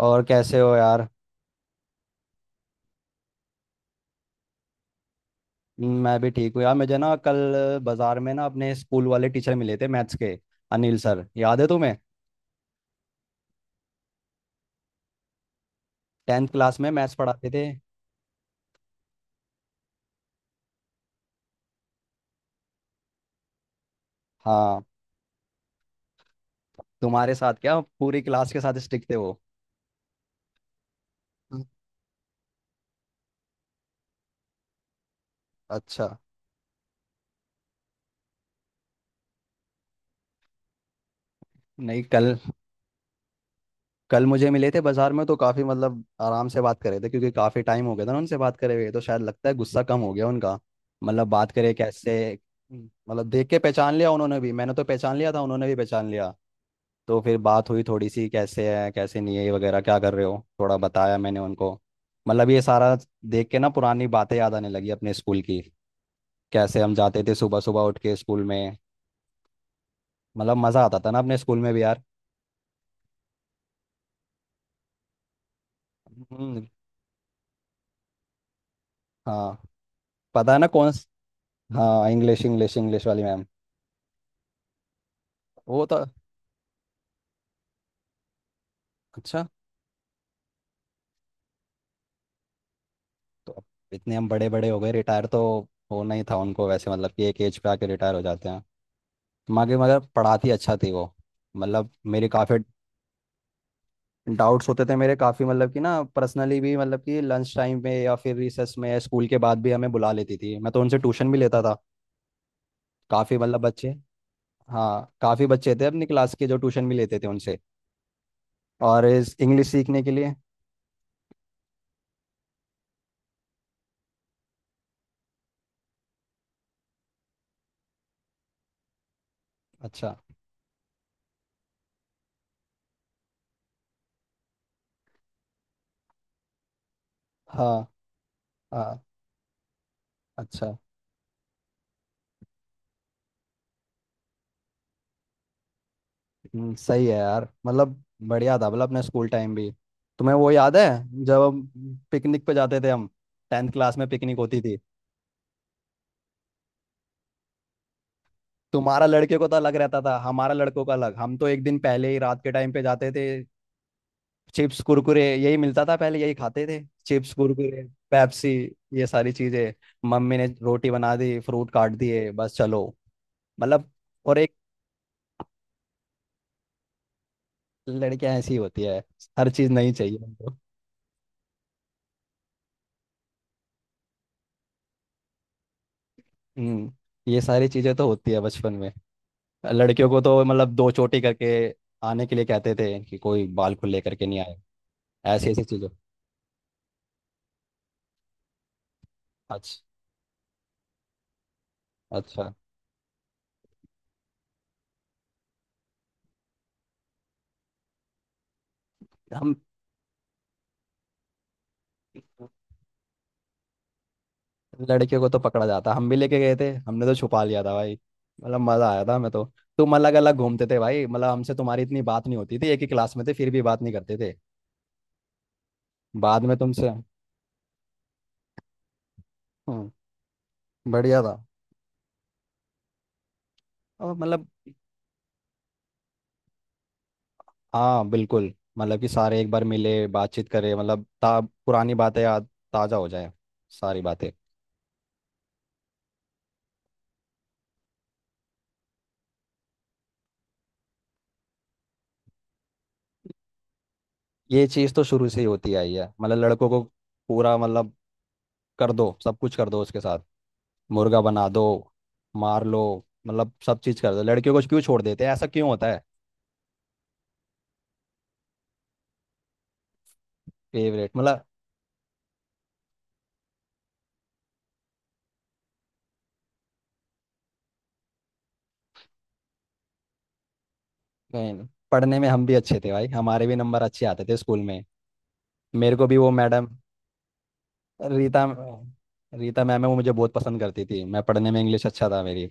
और कैसे हो यार। मैं भी ठीक हूँ यार। मुझे ना कल बाजार में ना अपने स्कूल वाले टीचर मिले थे मैथ्स के। अनिल सर याद है तुम्हें? टेंथ क्लास में मैथ्स पढ़ाते थे। हाँ। तुम्हारे साथ क्या पूरी क्लास के साथ स्टिक थे वो? हम्म, अच्छा। नहीं कल, कल मुझे मिले थे बाजार में तो काफ़ी मतलब आराम से बात कर रहे थे क्योंकि काफ़ी टाइम हो गया था ना उनसे बात करे हुए, तो शायद लगता है गुस्सा कम हो गया उनका। मतलब बात करे कैसे, मतलब देख के पहचान लिया, उन्होंने भी, मैंने तो पहचान लिया था, उन्होंने भी पहचान लिया। तो फिर बात हुई थोड़ी सी, कैसे है कैसे नहीं है ये वगैरह, क्या कर रहे हो, थोड़ा बताया मैंने उनको। मतलब ये सारा देख के ना पुरानी बातें याद आने लगी अपने स्कूल की, कैसे हम जाते थे सुबह सुबह उठ के स्कूल में। मतलब मज़ा आता था ना अपने स्कूल में भी यार। हम्म, हाँ। पता है ना कौन स-, हाँ इंग्लिश, इंग्लिश, इंग्लिश वाली मैम। वो तो अच्छा। तो अब इतने हम बड़े बड़े हो गए, रिटायर तो होना ही था उनको। वैसे मतलब कि एक एज पे आके रिटायर हो जाते हैं। मगर मगर पढ़ाती अच्छा थी वो। मतलब मेरी काफ़ी डाउट्स होते थे मेरे, काफ़ी मतलब कि ना पर्सनली भी, मतलब कि लंच टाइम में या फिर रिसेस में या स्कूल के बाद भी हमें बुला लेती थी। मैं तो उनसे ट्यूशन भी लेता था। काफ़ी मतलब बच्चे, हाँ काफ़ी बच्चे थे अपनी क्लास के जो ट्यूशन भी लेते थे उनसे, और इस इंग्लिश सीखने के लिए। अच्छा। हाँ हाँ। अच्छा। सही है यार। मतलब बढ़िया था मतलब अपना स्कूल टाइम भी। तुम्हें वो याद है जब हम पिकनिक पे जाते थे? हम टेंथ क्लास में पिकनिक होती थी। तुम्हारा लड़के को तो अलग रहता था, हमारा लड़कों का अलग। हम तो एक दिन पहले ही रात के टाइम पे जाते थे। चिप्स कुरकुरे यही मिलता था पहले, यही खाते थे, चिप्स कुरकुरे, पेप्सी, ये सारी चीजें। मम्मी ने रोटी बना दी, फ्रूट काट दिए, बस चलो। मतलब और एक, लड़कियां ऐसी होती है, हर चीज नहीं चाहिए उनको। हम्म। ये सारी चीजें तो होती है बचपन में। लड़कियों को तो मतलब दो चोटी करके आने के लिए कहते थे कि कोई बाल खुले करके नहीं आए। ऐसी ऐसी चीजें। अच्छा। अच्छा। हम लड़के को तो पकड़ा जाता, हम भी लेके गए थे, हमने तो छुपा लिया था भाई। मतलब मजा आया था हमें तो। तुम अलग अलग घूमते थे भाई, मतलब हमसे तुम्हारी इतनी बात नहीं होती थी, एक ही क्लास में थे फिर भी बात नहीं करते थे। बाद में तुमसे। हम्म, बढ़िया था। और मतलब, हाँ बिल्कुल, मतलब कि सारे एक बार मिले, बातचीत करें, मतलब ता पुरानी बातें याद ताज़ा हो जाए, सारी बातें। ये चीज़ तो शुरू से ही होती आई है मतलब लड़कों को, पूरा मतलब कर दो सब कुछ, कर दो उसके साथ, मुर्गा बना दो, मार लो, मतलब सब चीज कर दो। लड़कियों को क्यों छोड़ देते हैं, ऐसा क्यों होता है? फेवरेट मतलब? कहीं नहीं। पढ़ने में हम भी अच्छे थे भाई, हमारे भी नंबर अच्छे आते थे स्कूल में। मेरे को भी वो मैडम, रीता, रीता मैम है, वो मुझे बहुत पसंद करती थी। मैं पढ़ने में इंग्लिश अच्छा था मेरी।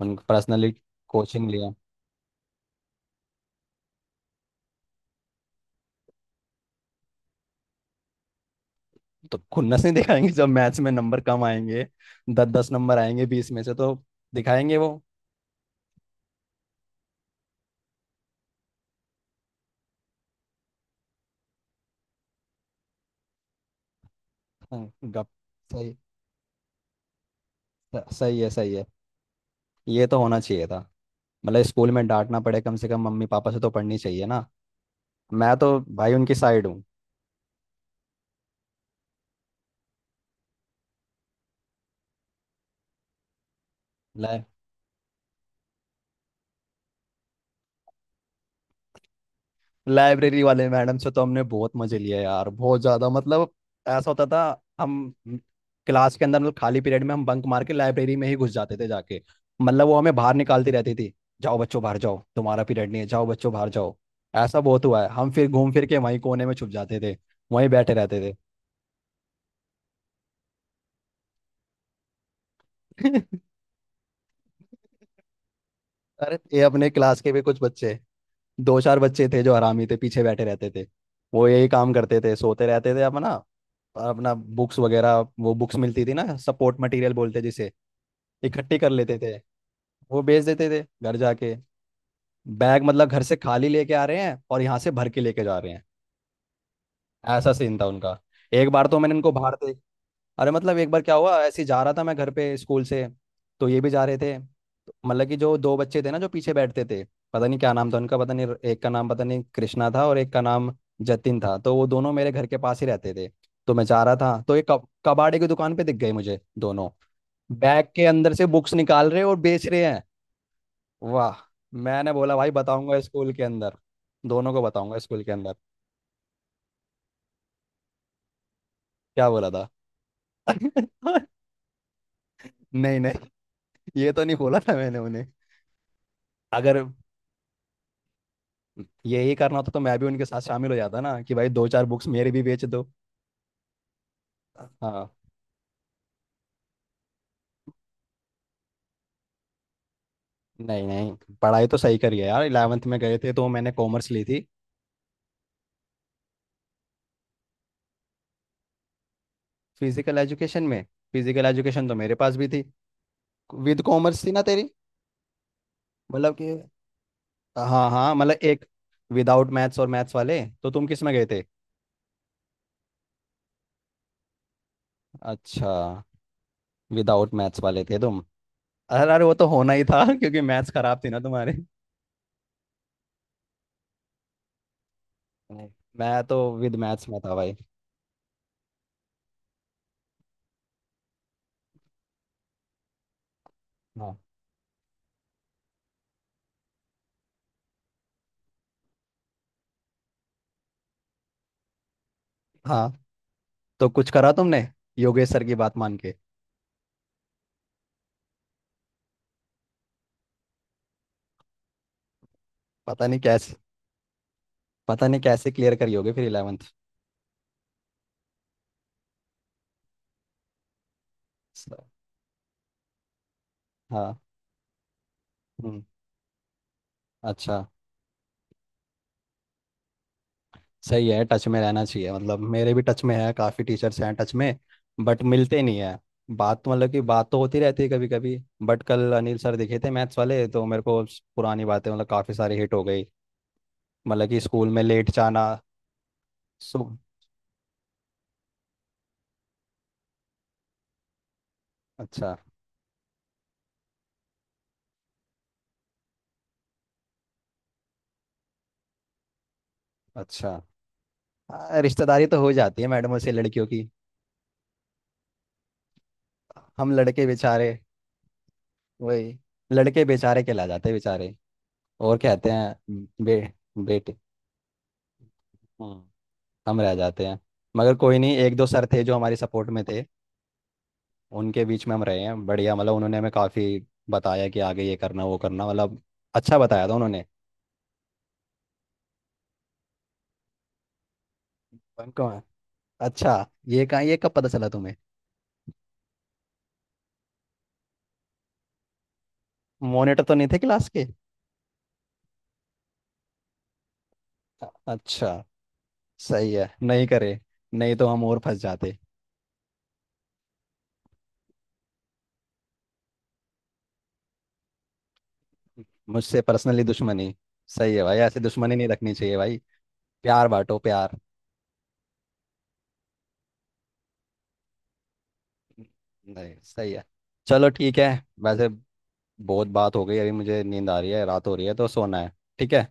उन पर्सनली कोचिंग लिया। तो खुन्नस नहीं दिखाएंगे जब मैथ्स में नंबर कम आएंगे, दस दस नंबर आएंगे बीस में से तो दिखाएंगे वो। हाँ, गप। सही, सही है, सही है। ये तो होना चाहिए था मतलब, स्कूल में डांटना पड़े कम से कम मम्मी पापा से तो पढ़नी चाहिए ना। मैं तो भाई उनकी साइड हूँ। लाइ लाइब्रेरी वाले मैडम से तो हमने बहुत मजे लिए यार, बहुत ज्यादा मतलब। ऐसा होता था, हम क्लास के अंदर मतलब खाली पीरियड में हम बंक मार के लाइब्रेरी में ही घुस जाते थे जाके। मतलब वो हमें बाहर निकालती रहती थी, जाओ बच्चों बाहर जाओ तुम्हारा पीरियड नहीं है, जाओ बच्चों बाहर जाओ। ऐसा बहुत हुआ है, हम फिर घूम फिर के वहीं कोने में छुप जाते थे, वहीं बैठे रहते थे। अरे ये अपने क्लास के भी कुछ बच्चे, दो चार बच्चे थे जो हरामी थे, पीछे बैठे रहते थे। वो यही काम करते थे, सोते रहते थे अपना, और अपना बुक्स वगैरह, वो बुक्स मिलती थी ना सपोर्ट मटेरियल बोलते जिसे, इकट्ठी कर लेते थे, वो बेच देते थे घर जाके। बैग मतलब घर से खाली लेके आ रहे हैं और यहाँ से भर के लेके जा रहे हैं, ऐसा सीन था उनका। एक बार तो मैंने इनको बाहर देख, अरे मतलब एक बार क्या हुआ, ऐसे ही जा रहा था मैं घर पे स्कूल से, तो ये भी जा रहे थे तो मतलब कि जो दो बच्चे थे ना जो पीछे बैठते थे, पता नहीं क्या नाम था उनका, पता नहीं एक का नाम, पता नहीं कृष्णा था और एक का नाम जतिन था, तो वो दोनों मेरे घर के पास ही रहते थे। तो मैं जा रहा था तो एक कबाड़े की दुकान पे दिख गए मुझे दोनों, बैग के अंदर से बुक्स निकाल रहे और बेच रहे हैं। वाह। मैंने बोला भाई बताऊंगा स्कूल के अंदर, दोनों को बताऊंगा स्कूल के अंदर। क्या बोला था? नहीं नहीं, ये तो नहीं बोला था मैंने उन्हें। अगर यही करना होता तो मैं भी उनके साथ शामिल हो जाता ना कि भाई दो चार बुक्स मेरे भी बेच दो। हाँ। नहीं नहीं, पढ़ाई तो सही करी है यार। इलेवेंथ में गए थे तो मैंने कॉमर्स ली थी। फिजिकल एजुकेशन में? फिजिकल एजुकेशन तो मेरे पास भी थी। विद कॉमर्स थी ना तेरी? मतलब कि हाँ हाँ, मतलब एक विदाउट मैथ्स और मैथ्स वाले, तो तुम किस में गए थे? अच्छा, विदाउट मैथ्स वाले थे तुम। अरे अरे वो तो होना ही था क्योंकि मैथ्स खराब थी ना तुम्हारे। नहीं। मैं तो विद मैथ्स में था भाई। हाँ हाँ। तो कुछ करा तुमने योगेश सर की बात मान के? पता नहीं कैसे, पता नहीं कैसे क्लियर करी होगी फिर इलेवेंथ। हाँ। हम्म। अच्छा। सही है, टच में रहना चाहिए। मतलब मेरे भी टच में है, काफ़ी टीचर्स हैं टच में, बट मिलते नहीं है। बात तो मतलब कि बात तो होती रहती है कभी कभी। बट कल अनिल सर दिखे थे मैथ्स वाले तो मेरे को स- पुरानी बातें मतलब काफ़ी सारी हिट हो गई, मतलब कि स्कूल में लेट जाना। सो अच्छा। अच्छा। हाँ, रिश्तेदारी तो हो जाती है मैडमों से लड़कियों की। हम लड़के बेचारे। वही, लड़के बेचारे के ला जाते हैं बेचारे, और कहते हैं बे, बेटे। हम्म, हम रह जाते हैं। मगर कोई नहीं, एक दो सर थे जो हमारी सपोर्ट में थे, उनके बीच में हम रहे हैं, बढ़िया मतलब उन्होंने हमें काफ़ी बताया कि आगे ये करना वो करना, मतलब अच्छा बताया था उन्होंने। हम कहाँ, अच्छा, ये कहाँ ये कब पता चला तुम्हें? मॉनिटर तो नहीं थे क्लास के? अच्छा, सही है नहीं करे, नहीं तो हम और फंस जाते। मुझसे पर्सनली दुश्मनी? सही है भाई, ऐसे दुश्मनी नहीं रखनी चाहिए भाई, प्यार बांटो प्यार। नहीं सही है। चलो ठीक है। वैसे बहुत बात हो गई, अभी मुझे नींद आ रही है, रात हो रही है तो सोना है। ठीक है।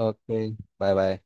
Okay, bye bye.